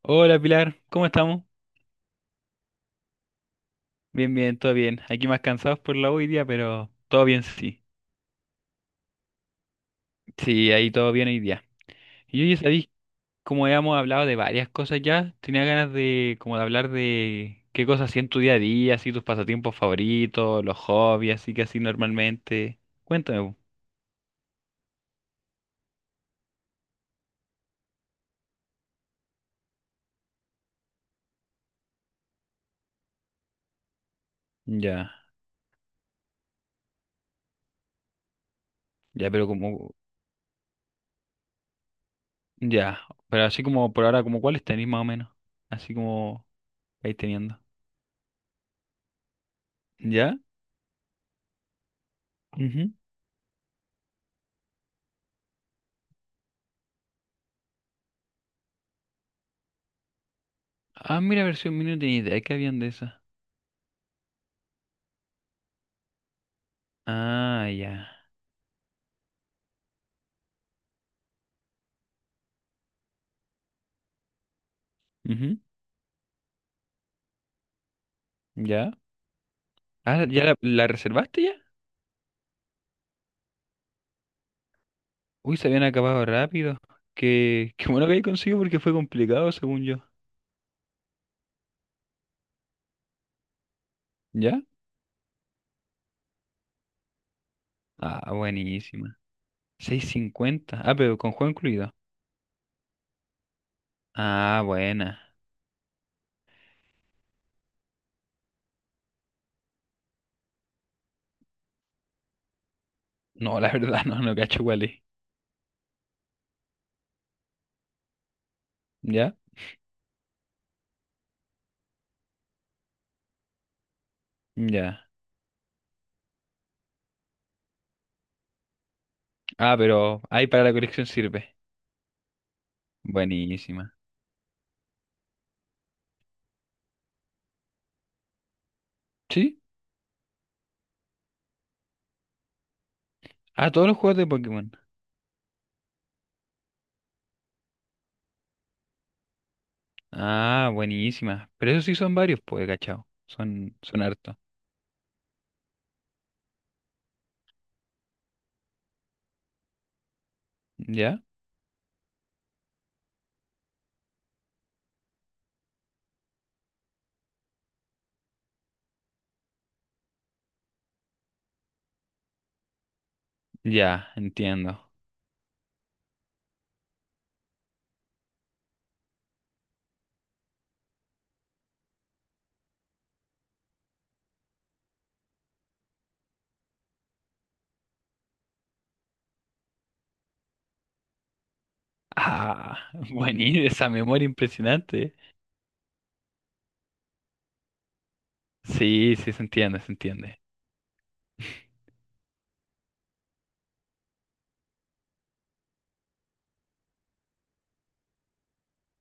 Hola Pilar, ¿cómo estamos? Bien, bien, todo bien. Aquí más cansados por la U hoy día, pero todo bien, sí. Sí, ahí todo bien hoy día. Y yo ya sabéis, como habíamos hablado de varias cosas ya, tenía ganas de como de hablar de qué cosas hacían en tu día a día, así tus pasatiempos favoritos, los hobbies, así que así normalmente. Cuéntame, po. Ya, ya, pero como, ya, pero así como por ahora, como cuáles tenéis más o menos, así como vais teniendo. ¿Ya? Ujú. Ah, mira, versión mini no tenía idea que habían de esas. Ah, ya. Ujú, ya. Ah, ¿ya la reservaste ya? Uy, se habían acabado rápido. Qué bueno que ahí conseguido porque fue complicado, según yo. ¿Ya? Ah, buenísima. Seis cincuenta. Ah, pero con juego incluido. Ah, buena. No, la verdad, no, no cacho cuál es. ¿Ya? Ya. Ah, pero ahí para la colección sirve. Buenísima. ¿Sí? Ah, todos los juegos de Pokémon. Ah, buenísima. Pero esos sí son varios, pues, cachao. Son hartos. ¿Ya? Ya, entiendo. Ah, buenísimo, esa memoria impresionante. Sí, sí, se entiende, se entiende.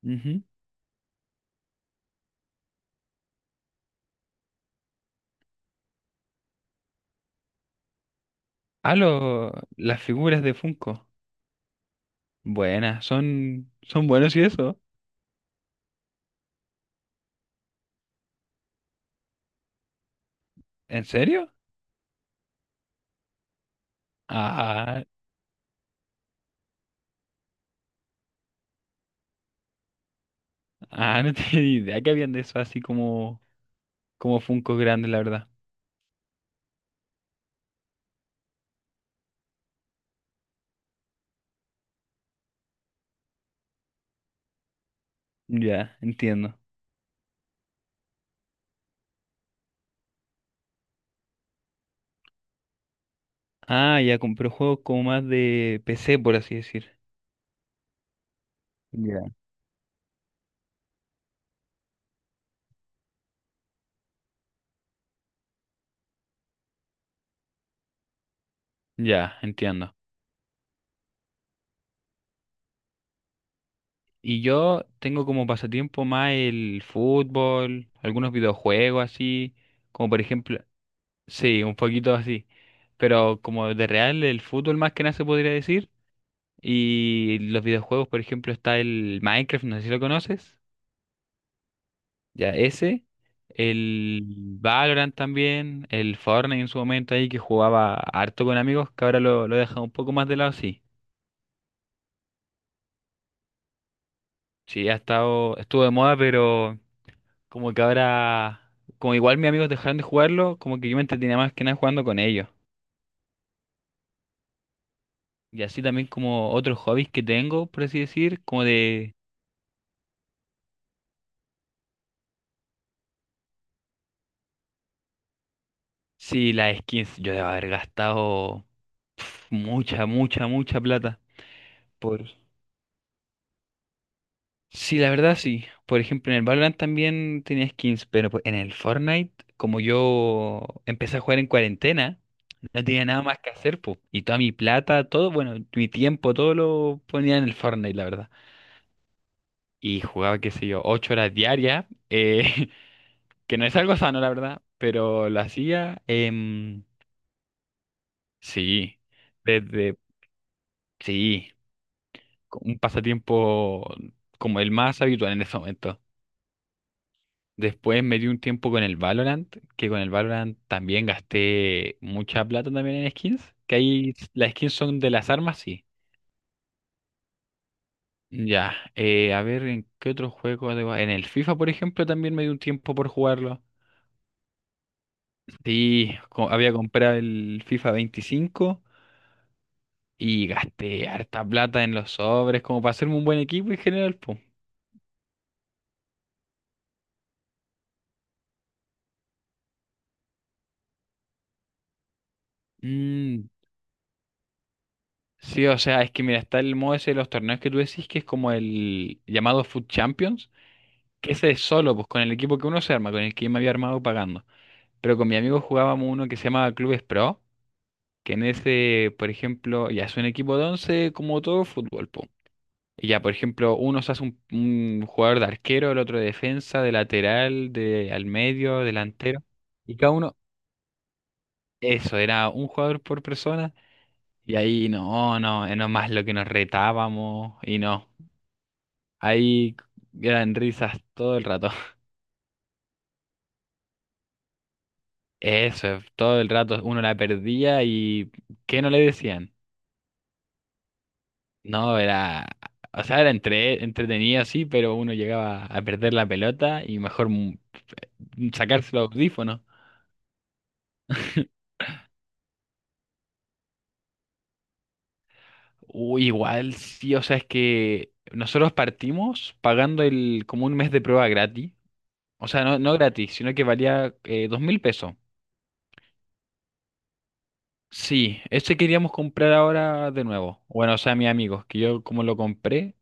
Ujú. Ah, las figuras de Funko. Buenas, son buenos y eso. ¿En serio? Ah, ah, no tenía ni idea que habían de eso así como, como Funko grandes, la verdad. Ya, entiendo. Ah, ya compré juegos como más de PC, por así decir. Ya. Ya, entiendo. Y yo tengo como pasatiempo más el fútbol, algunos videojuegos así, como por ejemplo, sí, un poquito así, pero como de real el fútbol más que nada se podría decir. Y los videojuegos, por ejemplo, está el Minecraft, no sé si lo conoces, ya ese, el Valorant también, el Fortnite en su momento ahí que jugaba harto con amigos, que ahora lo he dejado un poco más de lado, sí. Sí, ha estado, estuvo de moda, pero como que ahora, como igual mis amigos dejaron de jugarlo, como que yo me entretenía más que nada jugando con ellos. Y así también como otros hobbies que tengo, por así decir, como de, sí, las skins, yo debo haber gastado pf, mucha, mucha, mucha plata. Por... Sí, la verdad sí. Por ejemplo, en el Valorant también tenía skins, pero pues, en el Fortnite, como yo empecé a jugar en cuarentena, no tenía nada más que hacer, pues. Y toda mi plata, todo, bueno, mi tiempo, todo lo ponía en el Fortnite, la verdad. Y jugaba, qué sé yo, 8 horas diarias, que no es algo sano, la verdad, pero lo hacía, sí, desde, sí, un pasatiempo como el más habitual en ese momento. Después me di un tiempo con el Valorant, que con el Valorant también gasté mucha plata también en skins, que ahí las skins son de las armas, sí. Ya, a ver, ¿en qué otro juego? En el FIFA, por ejemplo, también me di un tiempo por jugarlo. Sí, había comprado el FIFA 25 y gasté harta plata en los sobres como para hacerme un buen equipo en general, po. Mm, sí, o sea, es que mira, está el modo ese de los torneos que tú decís, que es como el llamado Food Champions, que ese es solo, pues con el equipo que uno se arma, con el que yo me había armado pagando. Pero con mi amigo jugábamos uno que se llamaba Clubes Pro, que en ese, por ejemplo, ya es un equipo de 11 como todo fútbol, po. Y ya, por ejemplo, uno se hace un, jugador de arquero, el otro de defensa, de lateral, de al medio, delantero. Y cada uno, eso, era un jugador por persona. Y ahí no, no más lo que nos retábamos y no. Ahí eran risas todo el rato. Eso, todo el rato uno la perdía y ¿qué no le decían? No, era, o sea, era entretenido, sí, pero uno llegaba a perder la pelota y mejor sacarse los audífonos. Uy, igual, sí, o sea, es que nosotros partimos pagando el, como un mes de prueba gratis. O sea, no, no gratis, sino que valía 2000 pesos. Sí, ese queríamos comprar ahora de nuevo. Bueno, o sea, mis amigos, que yo como lo compré,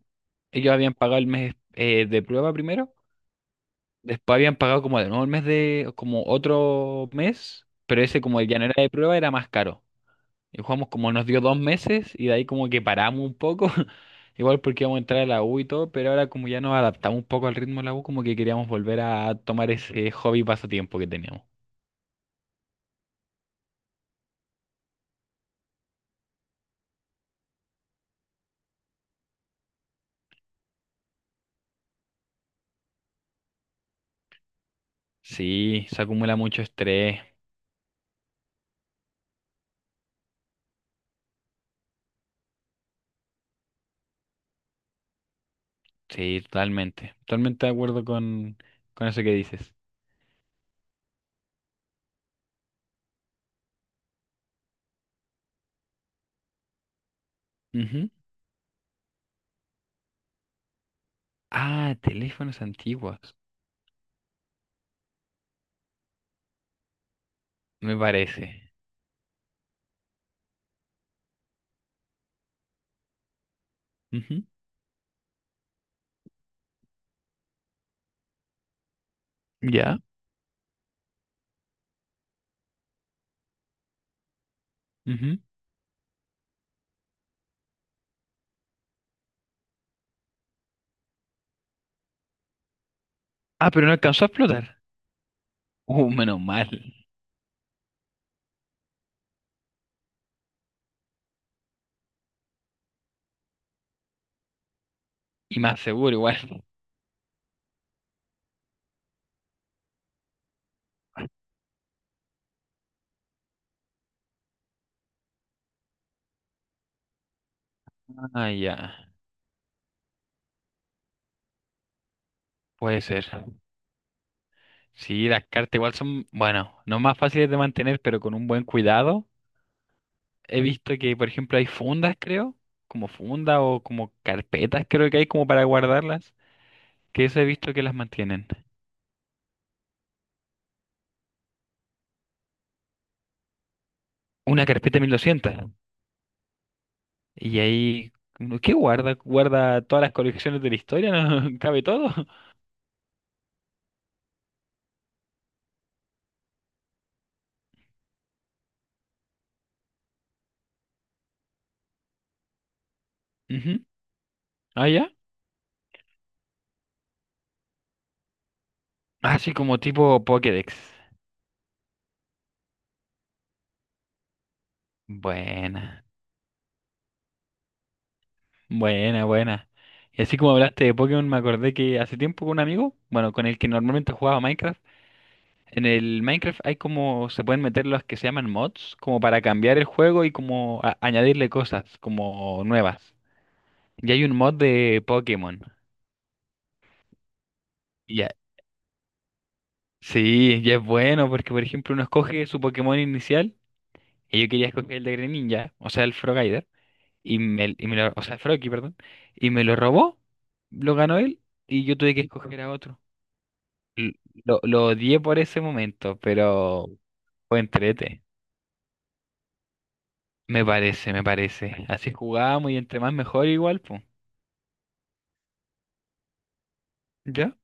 ellos habían pagado el mes de prueba primero, después habían pagado como de nuevo el mes de, como otro mes, pero ese como ya no era de prueba, era más caro. Y jugamos como nos dio 2 meses y de ahí como que paramos un poco, igual porque íbamos a entrar a la U y todo, pero ahora como ya nos adaptamos un poco al ritmo de la U, como que queríamos volver a tomar ese hobby pasatiempo que teníamos. Sí, se acumula mucho estrés, sí, totalmente, totalmente de acuerdo con eso que dices. Ujú. Ah, teléfonos antiguos, me parece. Ujú. Ya. Ujú. Ah, pero no alcanzó a explotar. Menos mal. Y más seguro igual. Ah, ya, puede ser. Sí, las cartas igual son, bueno, no más fáciles de mantener, pero con un buen cuidado. He visto que, por ejemplo, hay fundas, creo, como funda o como carpetas, creo que hay como para guardarlas, que eso he visto que las mantienen. Una carpeta 1200. Y ahí, uno, ¿qué guarda? ¿Guarda todas las colecciones de la historia? ¿No cabe todo? Ujú. Ah, ya. Así como tipo Pokédex. Buena, buena, buena. Y así como hablaste de Pokémon, me acordé que hace tiempo con un amigo, bueno, con el que normalmente jugaba Minecraft. En el Minecraft hay como, se pueden meter los que se llaman mods, como para cambiar el juego y como añadirle cosas como nuevas. Y hay un mod de Pokémon. Y ya, sí, ya es bueno porque, por ejemplo, uno escoge su Pokémon inicial y yo quería escoger el de Greninja, o sea, el Frogaider, y me lo, o sea, el Froakie, perdón, y me lo robó, lo ganó él y yo tuve que escoger a otro. L- lo odié por ese momento, pero fue entrete. Me parece, me parece. Así jugamos y entre más mejor igual, pues. ¿Ya?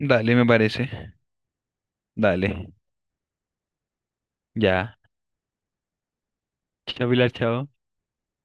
Dale, me parece. Dale. Ya. Chao, Pilar, chao.